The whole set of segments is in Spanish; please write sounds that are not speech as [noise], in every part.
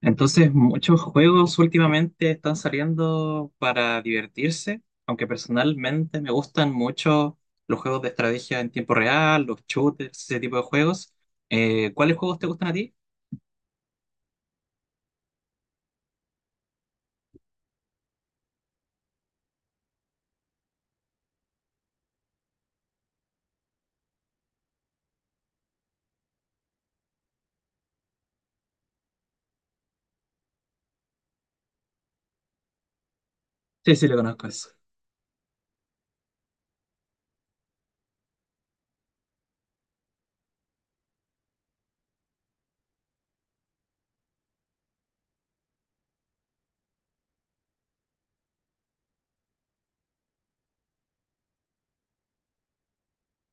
Entonces, muchos juegos últimamente están saliendo para divertirse, aunque personalmente me gustan mucho los juegos de estrategia en tiempo real, los shooters, ese tipo de juegos. ¿cuáles juegos te gustan a ti? Sí, sí, lo conozco eso.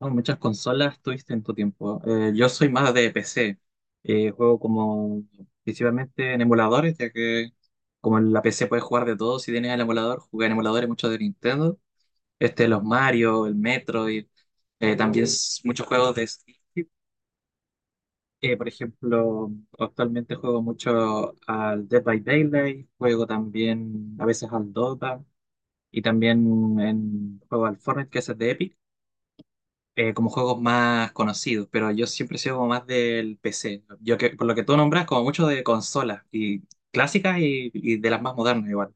No, muchas consolas tuviste en tu tiempo. Yo soy más de PC. Juego como principalmente en emuladores, ya que como en la PC puedes jugar de todo, si tienes el emulador, jugué en emuladores muchos de Nintendo. Este, los Mario, el Metroid, también muchos juegos de Steam. Por ejemplo, actualmente juego mucho al Dead by Daylight, juego también a veces al Dota y también juego al Fortnite, que es el de Epic, como juegos más conocidos, pero yo siempre he sido como más del PC. Yo que, por lo que tú nombras, como mucho de consolas y clásicas y de las más modernas igual.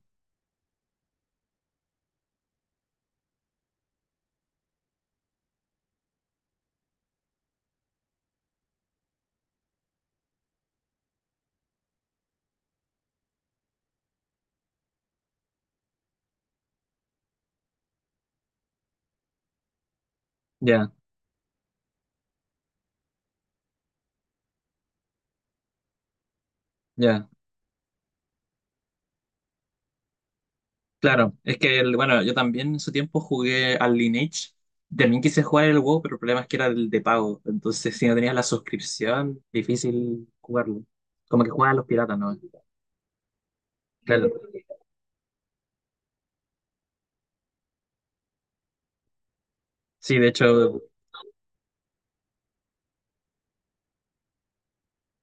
Ya, ya. Claro, es que, bueno, yo también en su tiempo jugué al Lineage. También quise jugar el WoW, pero el problema es que era el de pago. Entonces, si no tenías la suscripción, difícil jugarlo. Como que juegan los piratas, ¿no? Claro. Sí, de hecho,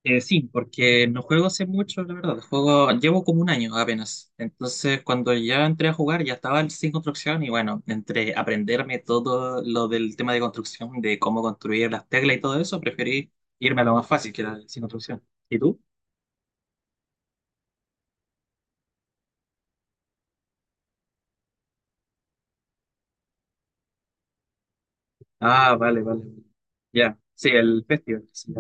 sí, porque no juego hace mucho, la verdad. Juego, llevo como un año apenas. Entonces, cuando ya entré a jugar, ya estaba el sin construcción y bueno, entre aprenderme todo lo del tema de construcción, de cómo construir las teclas y todo eso, preferí irme a lo más fácil, que era el sin construcción. ¿Y tú? Ah, vale, vale. Ya, sí, el Festival, que se...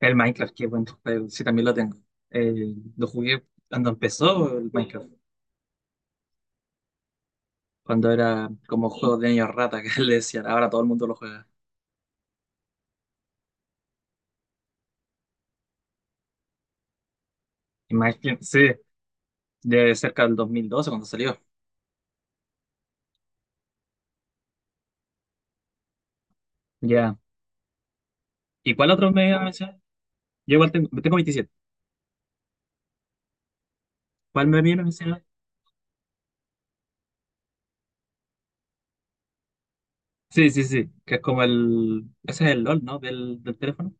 El Minecraft, qué buen juego. Sí, también lo tengo. Lo jugué cuando empezó el Minecraft, cuando era como juego de niños rata, que [laughs] le decían, ahora todo el mundo lo juega. Imagínate, sí, de cerca del 2012 cuando salió. Ya. ¿Y cuál otro me iba a mencionar? Yo igual tengo, tengo 27. ¿Cuál me viene a mencionar? Sí, sí, sí, que es como el... Ese es el LOL, ¿no? Del teléfono.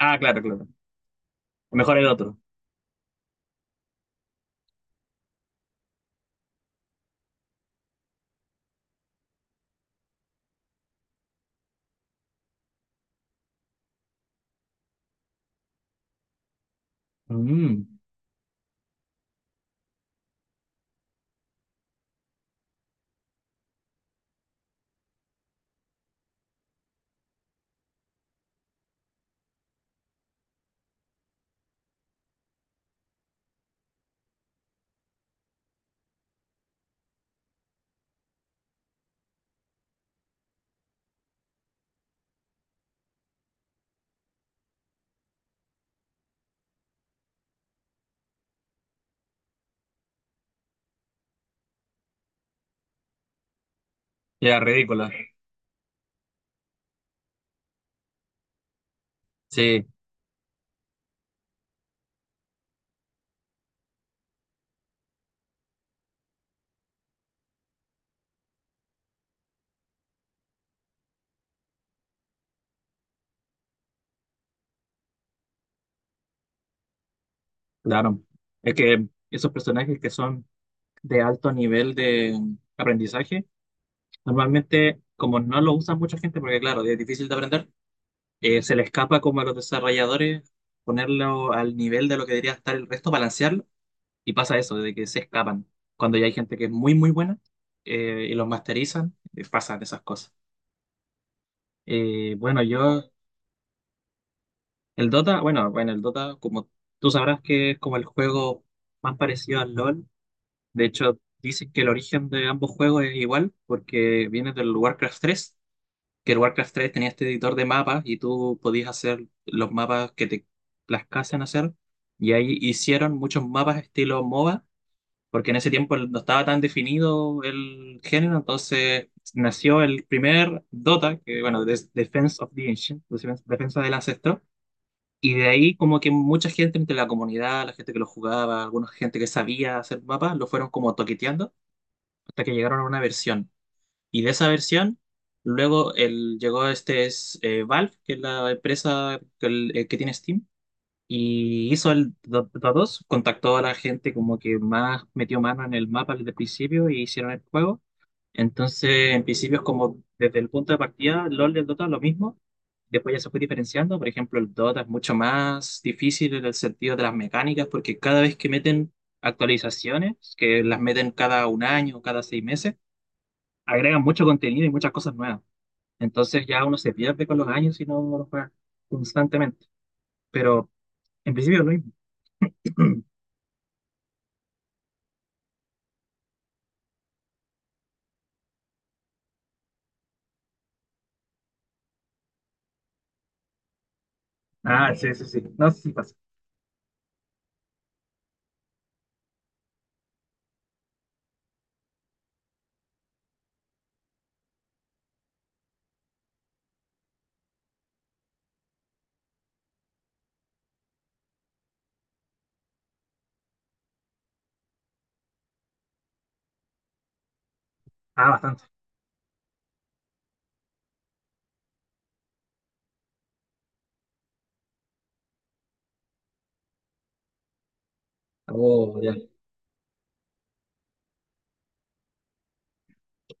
Ah, claro, claro. Mejor el otro. Mm, ya, ridícula. Sí. Claro, es que esos personajes que son de alto nivel de aprendizaje, normalmente como no lo usa mucha gente, porque claro, es difícil de aprender, se le escapa como a los desarrolladores ponerlo al nivel de lo que debería estar el resto, balancearlo, y pasa eso, de que se escapan. Cuando ya hay gente que es muy, muy buena y los masterizan, pasan esas cosas. Eh, bueno, yo, el Dota, bueno, bueno, el Dota, como tú sabrás que es como el juego más parecido al LOL. De hecho, dicen que el origen de ambos juegos es igual porque viene del Warcraft tres, que el Warcraft tres tenía este editor de mapas y tú podías hacer los mapas que te plazcasen hacer. Y ahí hicieron muchos mapas estilo MOBA, porque en ese tiempo no estaba tan definido el género, entonces nació el primer Dota, que bueno, es Defense of the Ancient, Defensa del Ancestro. Y de ahí como que mucha gente entre la comunidad, la gente que lo jugaba, alguna gente que sabía hacer mapas, lo fueron como toqueteando hasta que llegaron a una versión. Y de esa versión, llegó Valve, que es la empresa que tiene Steam, y hizo el Dota dos. Contactó a la gente como que más metió mano en el mapa desde el principio y hicieron el juego. Entonces, en principio es como desde el punto de partida, LOL y el Dota lo mismo. Después ya se fue diferenciando. Por ejemplo, el Dota es mucho más difícil en el sentido de las mecánicas, porque cada vez que meten actualizaciones, que las meten cada un año, cada seis meses, agregan mucho contenido y muchas cosas nuevas. Entonces ya uno se pierde con los años y no lo juega constantemente. Pero en principio es lo mismo. Ah, sí, sí, sí. No, sé si pasa. Ah, bastante. Oh, ya.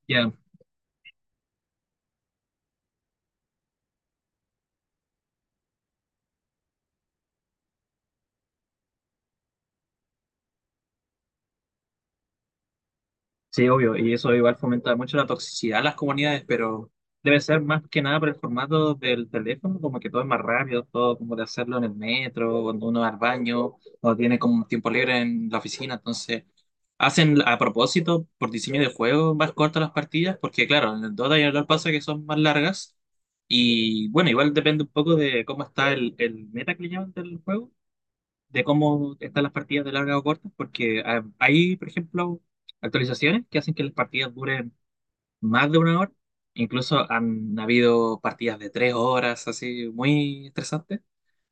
Ya, sí, obvio, y eso igual fomenta mucho la toxicidad en las comunidades, pero debe ser más que nada por el formato del teléfono, como que todo es más rápido, todo como de hacerlo en el metro, cuando uno va al baño, o tiene como un tiempo libre en la oficina, entonces hacen a propósito, por diseño de juego, más cortas las partidas, porque claro, en el Dota y en el LoL pasa que son más largas, y bueno, igual depende un poco de cómo está el meta que le llaman del juego, de cómo están las partidas de larga o cortas, porque hay, por ejemplo, actualizaciones que hacen que las partidas duren más de una hora. Incluso han habido partidas de tres horas, así, muy estresantes.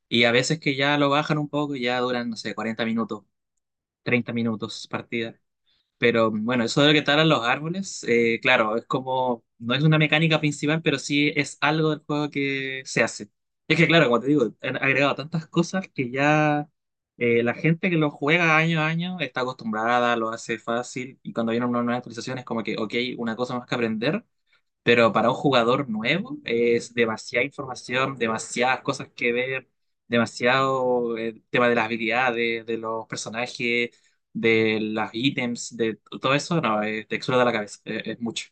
Y a veces que ya lo bajan un poco y ya duran, no sé, 40 minutos, 30 minutos partidas. Pero bueno, eso de lo que talan los árboles, claro, es como, no es una mecánica principal, pero sí es algo del juego que se hace. Es que claro, como te digo, han agregado tantas cosas que ya la gente que lo juega año a año está acostumbrada, lo hace fácil, y cuando viene una nueva actualización es como que, ok, una cosa más que aprender, pero para un jugador nuevo es demasiada información, demasiadas cosas que ver, demasiado el tema de las habilidades, de los personajes, de los ítems, de todo eso, no, es textura de la cabeza, es mucho,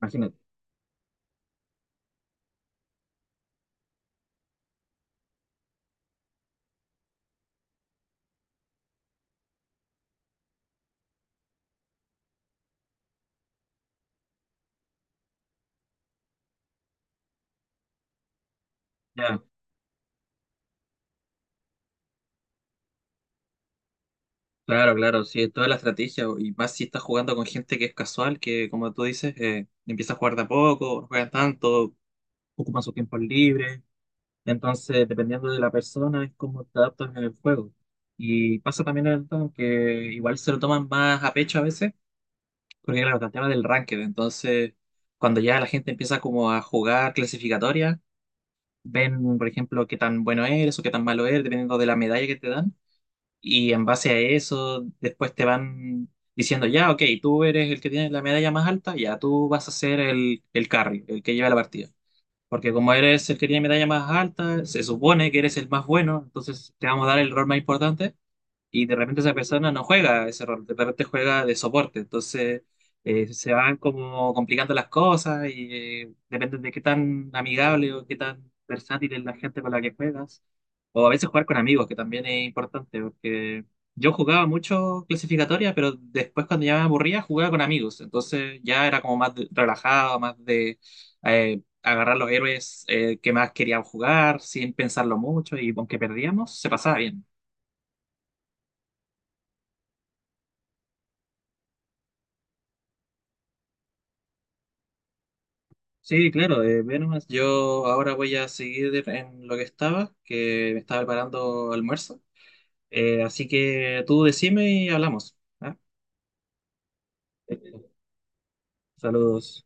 imagínate. Ya, claro, claro, sí, es toda la estrategia. Y más si estás jugando con gente que es casual, que como tú dices, empieza a jugar de a poco, no juegan tanto, ocupan su tiempo libre. Entonces, dependiendo de la persona, es como te adaptas en el juego. Y pasa también el tema que igual se lo toman más a pecho a veces, porque claro, está el tema del ranked. Entonces, cuando ya la gente empieza como a jugar clasificatoria, ven, por ejemplo, qué tan bueno eres o qué tan malo eres, dependiendo de la medalla que te dan. Y en base a eso, después te van diciendo, ya, ok, tú eres el que tiene la medalla más alta, ya tú vas a ser el carry, el que lleva la partida. Porque como eres el que tiene medalla más alta, se supone que eres el más bueno, entonces te vamos a dar el rol más importante y de repente esa persona no juega ese rol, de repente juega de soporte, entonces se van como complicando las cosas y depende de qué tan amigable o qué tan versátil es la gente con la que juegas, o a veces jugar con amigos, que también es importante, porque yo jugaba mucho clasificatoria, pero después cuando ya me aburría jugaba con amigos, entonces ya era como relajado, más de... agarrar los héroes que más querían jugar sin pensarlo mucho y aunque perdíamos, se pasaba bien. Sí, claro, ve, yo ahora voy a seguir en lo que estaba, que me estaba preparando almuerzo. Así que tú decime y hablamos. ¿Ah? Eh, Saludos.